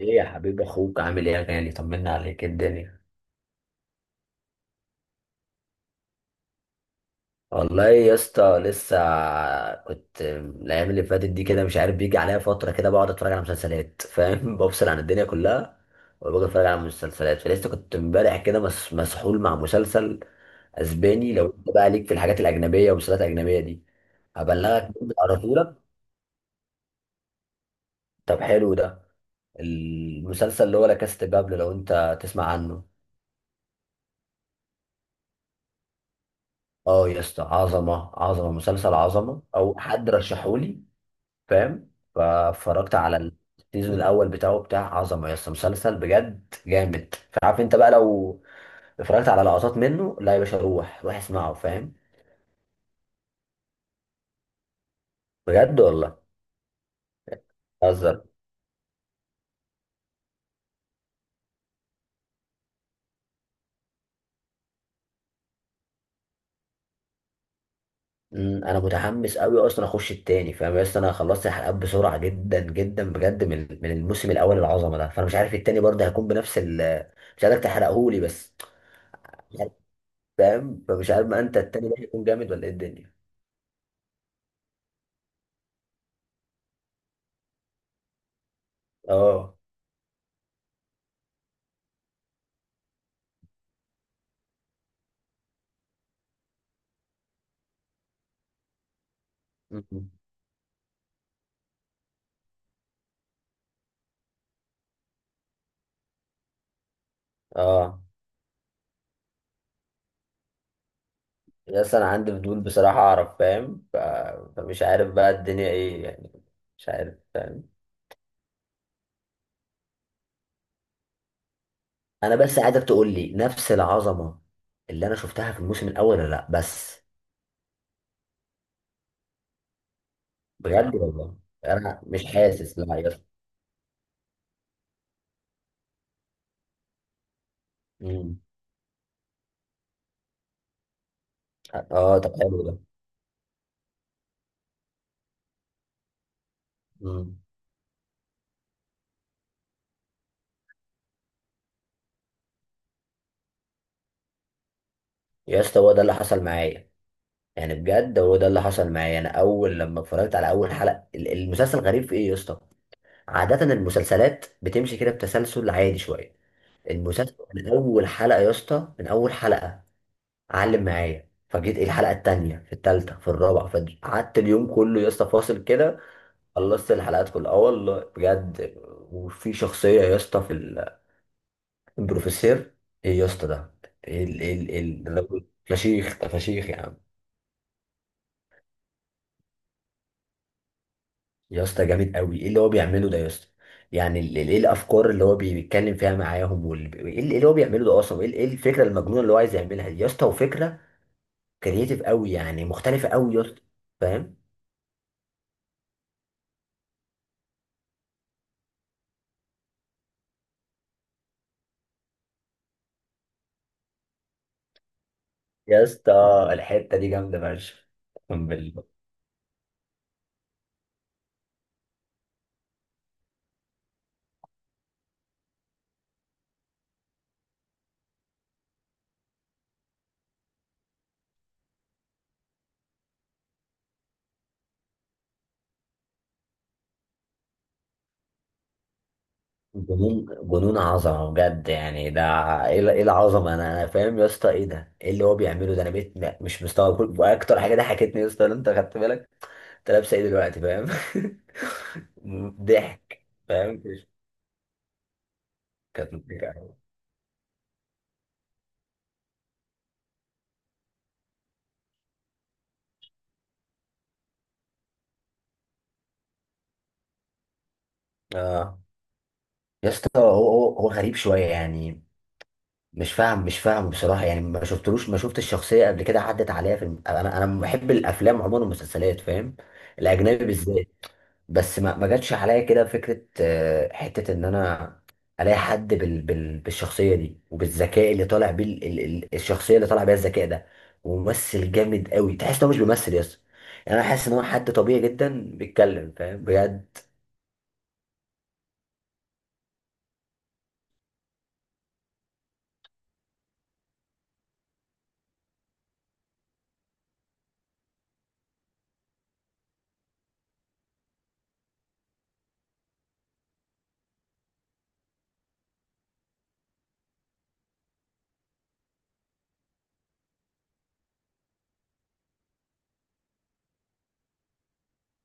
ايه يا حبيب اخوك، عامل ايه يا غالي؟ طمنا عليك، إيه الدنيا؟ والله يا اسطى لسه كنت الايام اللي فاتت دي كده مش عارف، بيجي عليا فتره كده بقعد اتفرج على مسلسلات فاهم؟ بفصل عن الدنيا كلها وبقعد اتفرج على مسلسلات. فلسه كنت امبارح كده مسحول مع مسلسل اسباني، لو انت بقى ليك في الحاجات الاجنبيه والمسلسلات الاجنبيه دي هبلغك منه على لك. طب حلو ده المسلسل، اللي هو لا كاست بابل، لو انت تسمع عنه. اه يا اسطى عظمه عظمه، مسلسل عظمه او حد رشحولي فاهم؟ فاتفرجت على السيزون الاول بتاعه، بتاع عظمه يا اسطى، مسلسل بجد جامد. فعارف انت بقى لو اتفرجت على لقطات منه، لا يا باشا روح اسمعه فاهم؟ بجد والله. بهزر. انا متحمس قوي اصلا اخش التاني فاهم يا اسطى؟ انا خلصت الحلقات بسرعه جدا جدا بجد من الموسم الاول العظمه ده، فانا مش عارف التاني برضه هيكون بنفس ال... مش عارف تحرقهولي بس. مش عارف، فاهم؟ فمش عارف ما انت التاني ده هيكون جامد ولا ايه الدنيا. اه. أمم. اه. بس انا عندي فضول بصراحة اعرف فاهم فمش عارف بقى الدنيا ايه يعني. مش عارف فاهم. انا بس عايزك تقول لي نفس العظمة اللي انا شفتها في الموسم الاول ولا لا بس. بجد والله؟ انا مش حاسس لا يا اسطى. أمم. اه طب حلو ده. أمم. يا اسطى هو ده اللي حصل معايا. يعني بجد هو ده اللي حصل معايا. انا اول لما اتفرجت على اول حلقة المسلسل غريب في ايه يا اسطى. عادة المسلسلات بتمشي كده بتسلسل عادي شوية. المسلسل من اول حلقة يا اسطى، من اول حلقة علم معايا. فجيت إيه الحلقه التانيه، في التالته، في الرابعه، فقعدت اليوم كله يا اسطى فاصل كده. خلصت الحلقات كلها، اه والله بجد. وفي شخصيه يا اسطى في البروفيسور، ايه يا اسطى ده؟ إيه ال إيه ال إيه ال ده أنا- فشيخ ده، فشيخ يا عم. يا اسطى جامد قوي. ايه اللي هو بيعمله ده يا اسطى؟ يعني ايه الافكار اللي هو بيتكلم فيها معاهم؟ إيه اللي هو بيعمله ده اصلا؟ إيه الفكره المجنونه اللي هو عايز يعملها دي يا اسطى؟ وفكره كرييتيف قوي، يعني مختلفه قوي يا اسطى فاهم؟ يا اسطى الحته دي جامده فشخ، اقسم بالله. جنون جنون، عظمه بجد يعني ده. إيه العظمه؟ انا فاهم يا اسطى. ايه ده؟ ايه اللي هو بيعمله ده؟ انا بقيت مش مستوعب. واكتر حاجه ضحكتني يا اسطى لو انت خدت بالك، انت لابسه ايه دلوقتي فاهم؟ ضحك فاهم؟ كانت مضحكة. اه يا اسطى، هو غريب شويه يعني. مش فاهم بصراحه، يعني ما شفتلوش، ما شفت الشخصيه قبل كده، عدت عليا في انا بحب الافلام عموما والمسلسلات فاهم؟ الاجنبي بالذات. بس ما جاتش عليا كده فكره حته ان انا الاقي حد بالشخصيه دي، وبالذكاء اللي طالع بيه الشخصيه اللي طالع بيها الذكاء ده. وممثل جامد قوي، تحس ان هو مش بيمثل يس، يعني انا حاسس ان هو حد طبيعي جدا بيتكلم فاهم؟ بجد.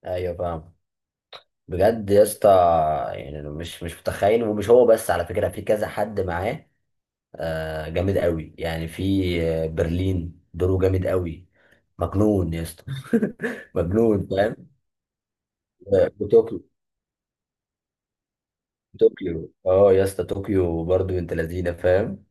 ايوه فاهم. بجد يا اسطى. يعني أنا مش متخيل. ومش هو بس، على فكره في كذا حد معاه جامد قوي. يعني في برلين، دوره جامد قوي، مجنون يا اسطى. مجنون فاهم؟ وطوكيو. طوكيو اه يا اسطى، طوكيو برضه انت لذينه فاهم؟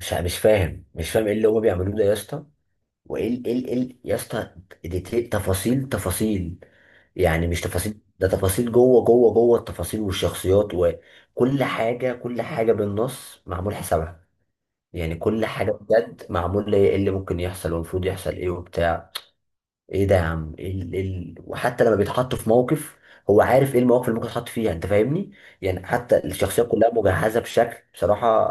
مش فاهم ايه اللي هما بيعملوه ده يا اسطى؟ وايه ال- ايه ال- ايه ال- يا اسطى دي تفاصيل تفاصيل. يعني مش تفاصيل ده، تفاصيل جوه جوه جوه التفاصيل، والشخصيات وكل حاجه، كل حاجه بالنص معمول حسابها. يعني كل حاجه بجد معمول ليه ايه اللي ممكن يحصل، والمفروض يحصل ايه، وبتاع. ايه ده يا عم؟ وحتى لما بيتحط في موقف هو عارف ايه المواقف اللي ممكن يتحط فيها انت فاهمني؟ يعني حتى الشخصيه كلها مجهزه بشكل بصراحه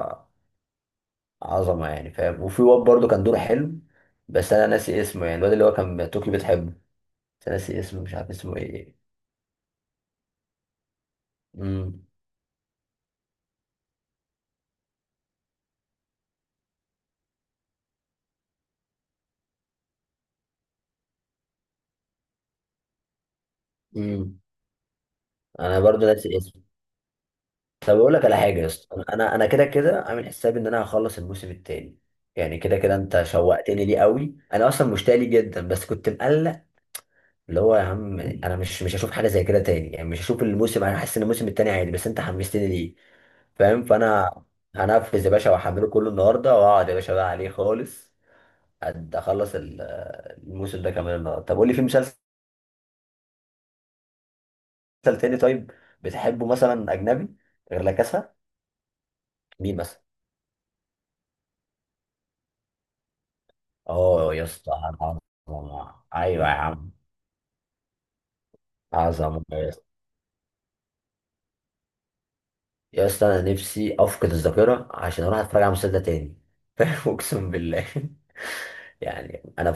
عظمه يعني فاهم. وفي واد برضه كان دوره حلو، بس انا ناسي اسمه. يعني الواد اللي هو كان توكي بتحبه، بس أنا ناسي اسمه، مش عارف اسمه ايه. امم. امم. انا برضه ناسي اسمه. طب اقول لك على حاجه يا اسطى، انا انا أنا كده كده عامل حسابي ان انا هخلص الموسم التاني. يعني كده كده انت شوقتني ليه قوي، انا اصلا مشتاق ليه جدا بس كنت مقلق. اللي هو يا عم انا مش هشوف حاجه زي كده تاني، يعني مش هشوف الموسم. انا حاسس ان الموسم التاني عادي بس انت حمستني ليه فاهم؟ فانا هنفذ يا باشا واحمله كله النهارده، واقعد يا باشا بقى عليه خالص، قد اخلص الموسم ده كمان النهارده. طب قول لي، في مسلسل تاني طيب بتحبه مثلا اجنبي غير لا كاسا؟ مين مثلا؟ اه يا اسطى عظمه، ايوه يا عم. عظمه يا اسطى. يا اسطى انا نفسي افقد الذاكره عشان اروح اتفرج على المسلسل ده تاني. اقسم بالله. يعني انا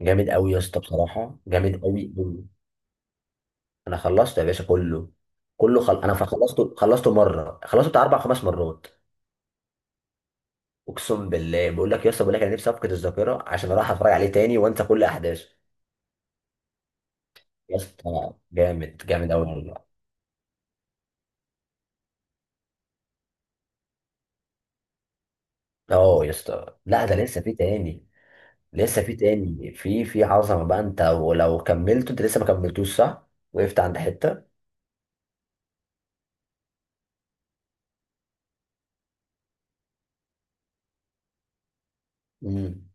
جامد قوي يا اسطى، بصراحه جامد قوي قوي. انا خلصته يا باشا كله. كله خل... انا خلصته خلصته مره، خلصته بتاع اربع خمس مرات. اقسم بالله، بقول لك يا اسطى، بقول لك انا نفسي افقد الذاكره عشان اروح اتفرج عليه تاني وانسى كل احداثه. يا اسطى جامد جامد قوي والله. اه يا اسطى لا، ده لسه في تاني. لسه في تاني، في في عظمه بقى انت، ولو كملته انت لسه ما كملتوش صح؟ وقفت عند حته. امم.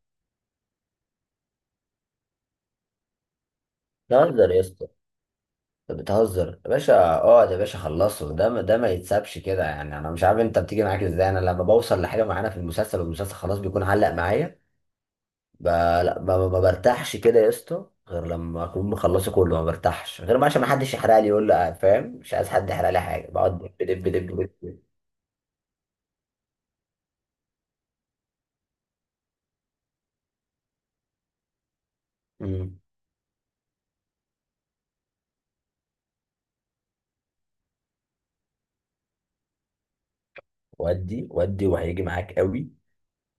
تهزر يا اسطى؟ انت بتهزر يا باشا. اقعد يا باشا خلصه ده، ما- ده ما يتسابش كده. يعني انا مش عارف انت بتيجي معاك ازاي، انا لما بوصل لحاجه معينه في المسلسل والمسلسل خلاص بيكون علق معايا لا، ما برتاحش كده يا اسطى غير لما اكون مخلصه كله. ما برتاحش غير ما، عشان ما حدش يحرق لي يقول لي فاهم؟ مش عايز حد يحرق لي حاجه. بقعد دب دب دب دب, دب. مم. ودي وهيجي معاك قوي.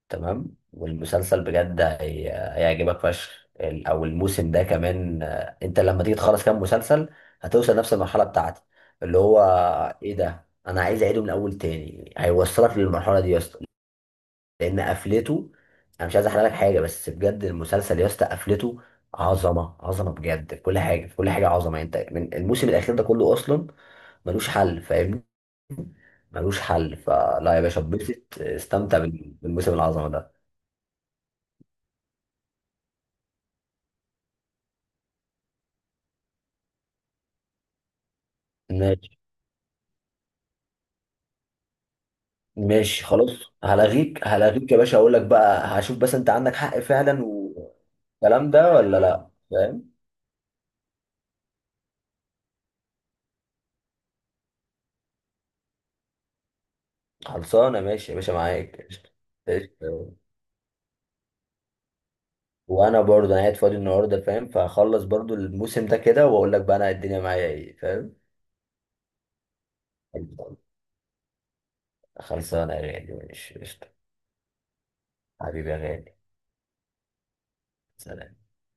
تمام. والمسلسل بجد هيعجبك فشخ. ال- او الموسم ده كمان انت لما تيجي تخلص كام مسلسل هتوصل نفس المرحله بتاعتي، اللي هو ايه ده، انا عايز اعيده من اول تاني. هيوصلك للمرحله دي يا اسطى، لان قفلته. انا مش عايز احرق لك حاجه، بس بجد المسلسل يا اسطى قفلته عظمه عظمه بجد، في كل حاجه، في كل حاجه عظمه انت، من الموسم الاخير ده كله اصلا ملوش حل فاهمني؟ ملوش حل. فلا يا باشا، اتبسط استمتع بالموسم العظمه ده. ماشي. ماشي خلاص. هلغيك يا باشا، اقول لك بقى هشوف بس، انت عندك حق فعلا والكلام ده ولا لا فاهم؟ خلصانه ماشي يا باشا، معاك قشطة. قشطة. وانا برضه انا قاعد فاضي النهارده فاهم؟ فهخلص برضه الموسم ده كده واقول لك بقى انا الدنيا معايا ايه فاهم؟ خلصانه يا غالي، ماشي قشطة. حبيبي يا غالي. سلام.